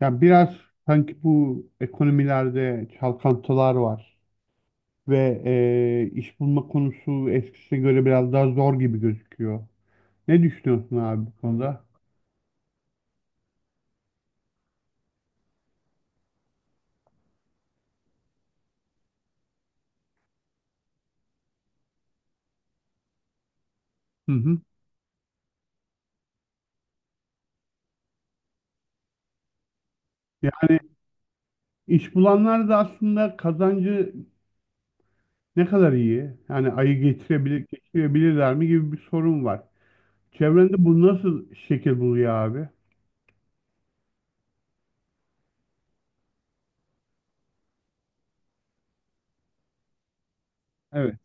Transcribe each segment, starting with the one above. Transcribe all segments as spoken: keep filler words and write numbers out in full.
Yani biraz sanki bu ekonomilerde çalkantılar var ve e, iş bulma konusu eskisine göre biraz daha zor gibi gözüküyor. Ne düşünüyorsun abi bu konuda? Hı hı. Yani iş bulanlar da aslında kazancı ne kadar iyi? Yani ayı getirebilir, geçirebilirler mi gibi bir sorun var. Çevrende bu nasıl şekil buluyor abi? Evet.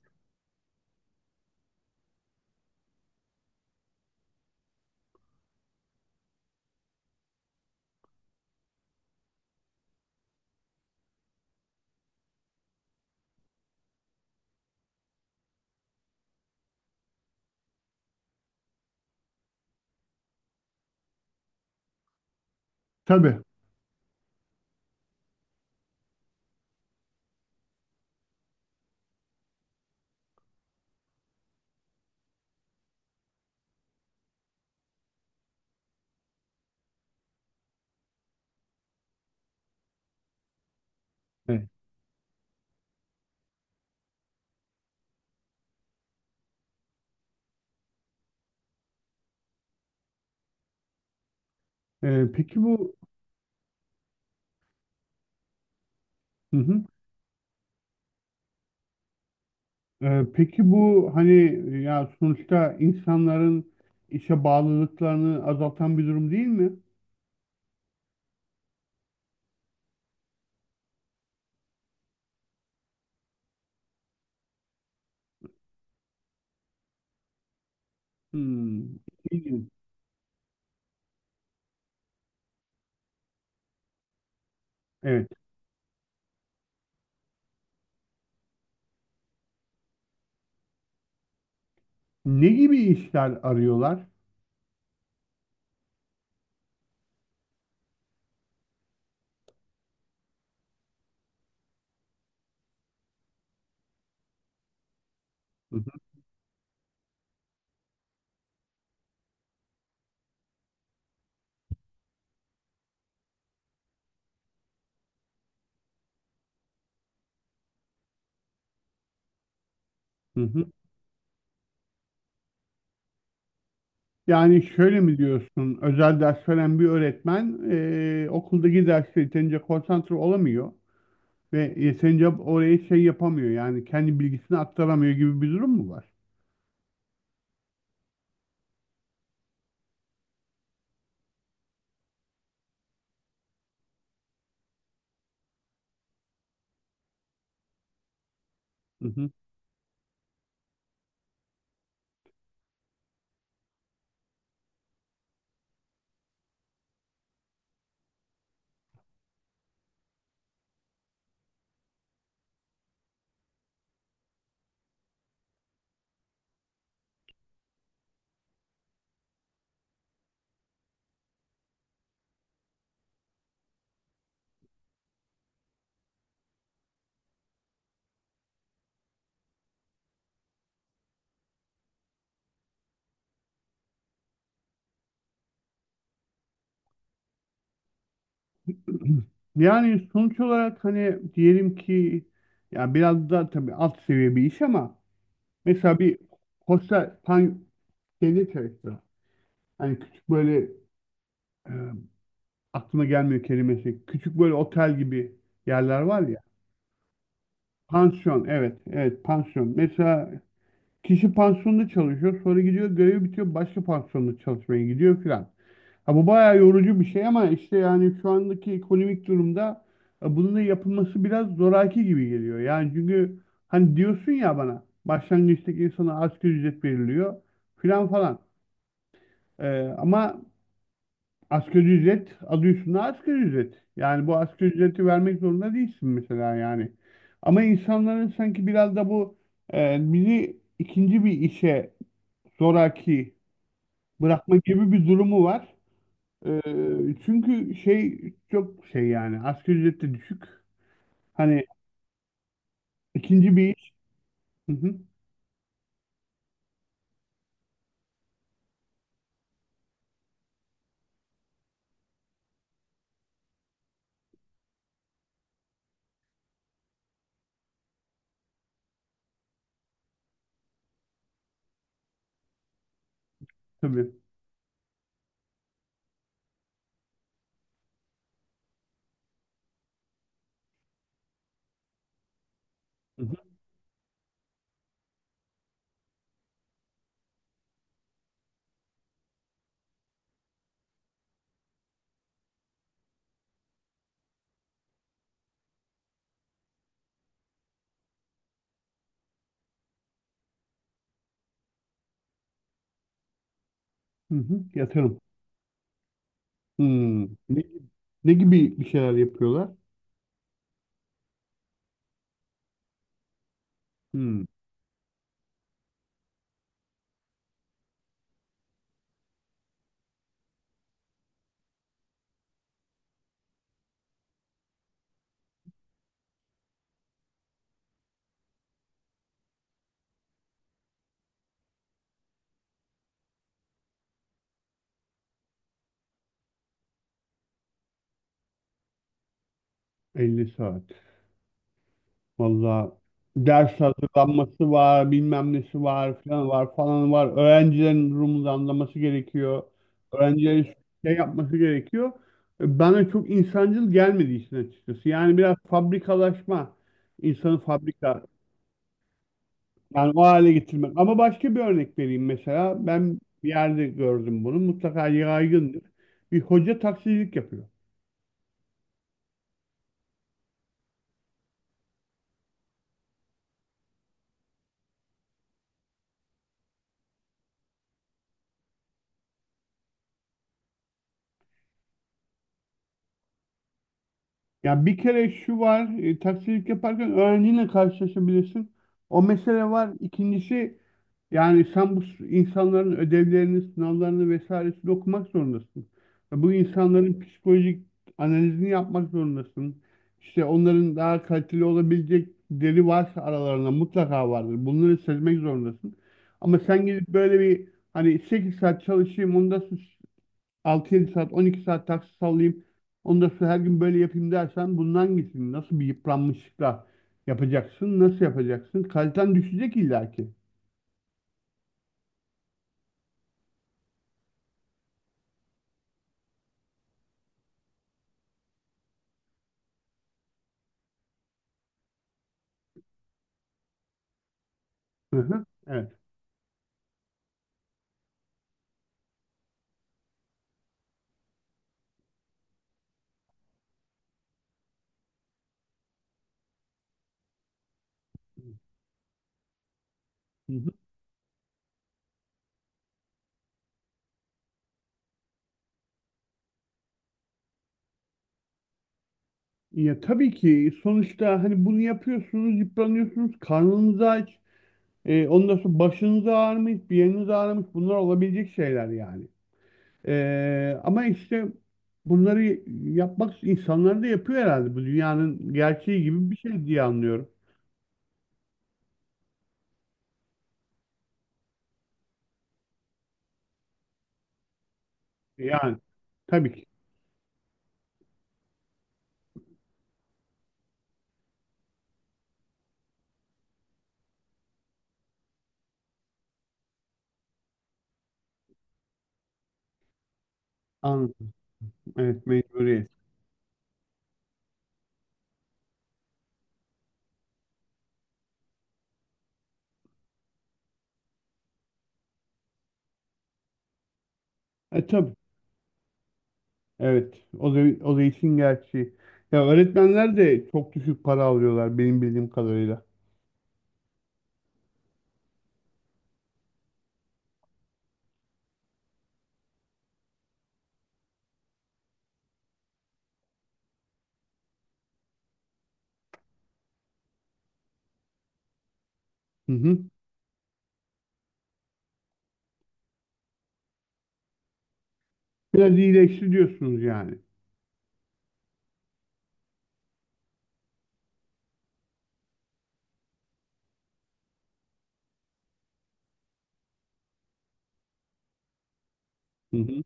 Tabii. Evet. E, peki bu hı hı. Ee, peki bu hani ya sonuçta insanların işe bağlılıklarını azaltan bir durum değil mi? Hmm. İlginç. Evet. Ne gibi işler arıyorlar? Hı hı, hı hı. Yani şöyle mi diyorsun? Özel ders veren bir öğretmen e, okuldaki derste yeterince konsantre olamıyor ve yeterince oraya şey yapamıyor yani kendi bilgisini aktaramıyor gibi bir durum mu var? Yani sonuç olarak hani diyelim ki ya biraz da tabii alt seviye bir iş ama mesela bir hostel pan şeyde çalışsa hani küçük böyle e, aklıma gelmiyor kelimesi küçük böyle otel gibi yerler var ya pansiyon evet evet pansiyon mesela kişi pansiyonda çalışıyor sonra gidiyor görevi bitiyor başka pansiyonda çalışmaya gidiyor filan. Ha, bu bayağı yorucu bir şey ama işte yani şu andaki ekonomik durumda e, bunun da yapılması biraz zoraki gibi geliyor. Yani çünkü hani diyorsun ya bana başlangıçtaki insana asgari ücret veriliyor filan falan. E, ama asgari ücret adı üstünde asgari ücret. Yani bu asgari ücreti vermek zorunda değilsin mesela yani. Ama insanların sanki biraz da bu e, bizi ikinci bir işe zoraki bırakma gibi bir durumu var. Ee, çünkü şey çok şey yani asgari ücret de düşük. Hani ikinci bir iş. Hı hı, tabii. Hı hı, hı hı, yatırım. Hmm. Ne, ne gibi bir şeyler yapıyorlar? Hmm. elli saat. Vallahi ders hazırlanması var, bilmem nesi var falan var falan var. Öğrencilerin durumunu anlaması gerekiyor. Öğrencilerin şey yapması gerekiyor. Bana çok insancıl gelmedi işin açıkçası. Yani biraz fabrikalaşma, insanı fabrika. Yani o hale getirmek. Ama başka bir örnek vereyim mesela. Ben bir yerde gördüm bunu. Mutlaka yaygındır. Bir hoca taksicilik yapıyor. Ya bir kere şu var, e, taksicilik yaparken öğrenciyle karşılaşabilirsin. O mesele var. İkincisi yani sen bu s- insanların ödevlerini, sınavlarını vesairesini okumak zorundasın. Ve bu insanların psikolojik analizini yapmak zorundasın. İşte onların daha kaliteli olabilecek deri varsa aralarında mutlaka vardır. Bunları sezmek zorundasın. Ama sen gidip böyle bir hani sekiz saat çalışayım, ondan altı yedi saat, on iki saat taksi sallayayım. Onu da her gün böyle yapayım dersen bundan gitsin. Nasıl bir yıpranmışlıkla yapacaksın? Nasıl yapacaksın? Kaliten düşecek illaki. Hı hı. Evet. Hı hı. Ya tabii ki sonuçta hani bunu yapıyorsunuz, yıpranıyorsunuz, karnınız aç, e, ondan sonra başınız ağrımış, bir yeriniz ağrımış, bunlar olabilecek şeyler yani. E, ama işte bunları yapmak insanlar da yapıyor herhalde. Bu dünyanın gerçeği gibi bir şey diye anlıyorum. Yani tabii ki. Anladım. Evet, mecburiyet. E tabii. Evet. O da, o da işin gerçeği. Ya öğretmenler de çok düşük para alıyorlar benim bildiğim kadarıyla. Hı hı. Biraz iyileşti diyorsunuz yani. Hı hı.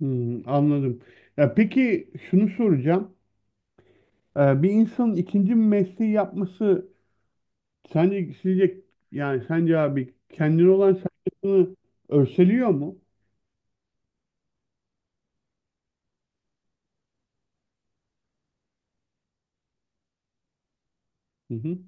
Hmm, anladım. Ya peki şunu soracağım. Ee, bir insanın ikinci bir mesleği yapması sence sizce yani sence abi kendine olan saygısını örseliyor mu? Hı hı.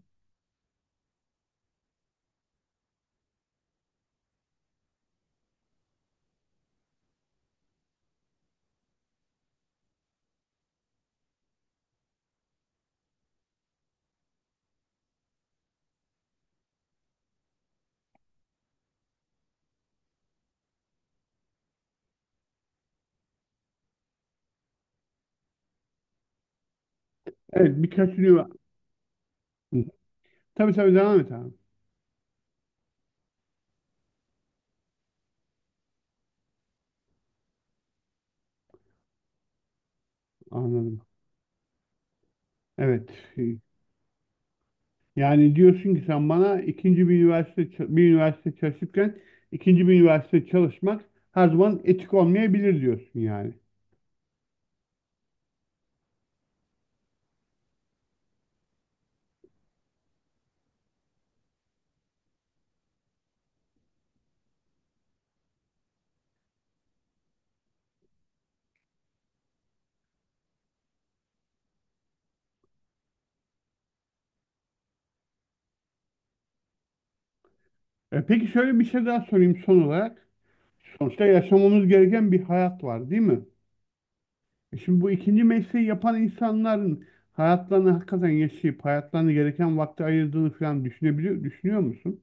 Evet birkaç üniversite. Tabii tabii devam et abi. Anladım. Evet. Yani diyorsun ki sen bana ikinci bir üniversite ç- bir üniversite çalışırken ikinci bir üniversite çalışmak her zaman etik olmayabilir diyorsun yani. E peki şöyle bir şey daha sorayım son olarak. Sonuçta yaşamamız gereken bir hayat var değil mi? E şimdi bu ikinci mesleği yapan insanların hayatlarını hakikaten yaşayıp hayatlarını gereken vakti ayırdığını falan düşünebiliyor, düşünüyor musun?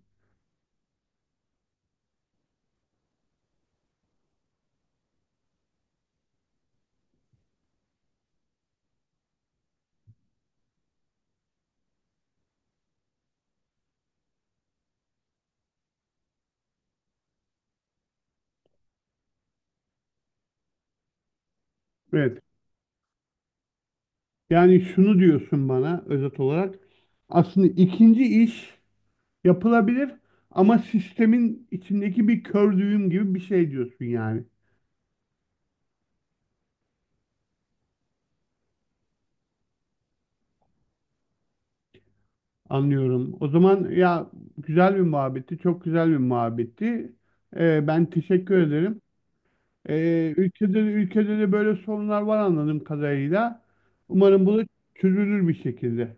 Evet. Yani şunu diyorsun bana özet olarak. Aslında ikinci iş yapılabilir ama sistemin içindeki bir kör düğüm gibi bir şey diyorsun yani. Anlıyorum. O zaman ya güzel bir muhabbetti, çok güzel bir muhabbetti. Ee, ben teşekkür ederim. Ee, ülkede, ülkede de böyle sorunlar var anladığım kadarıyla. Umarım bu da çözülür bir şekilde.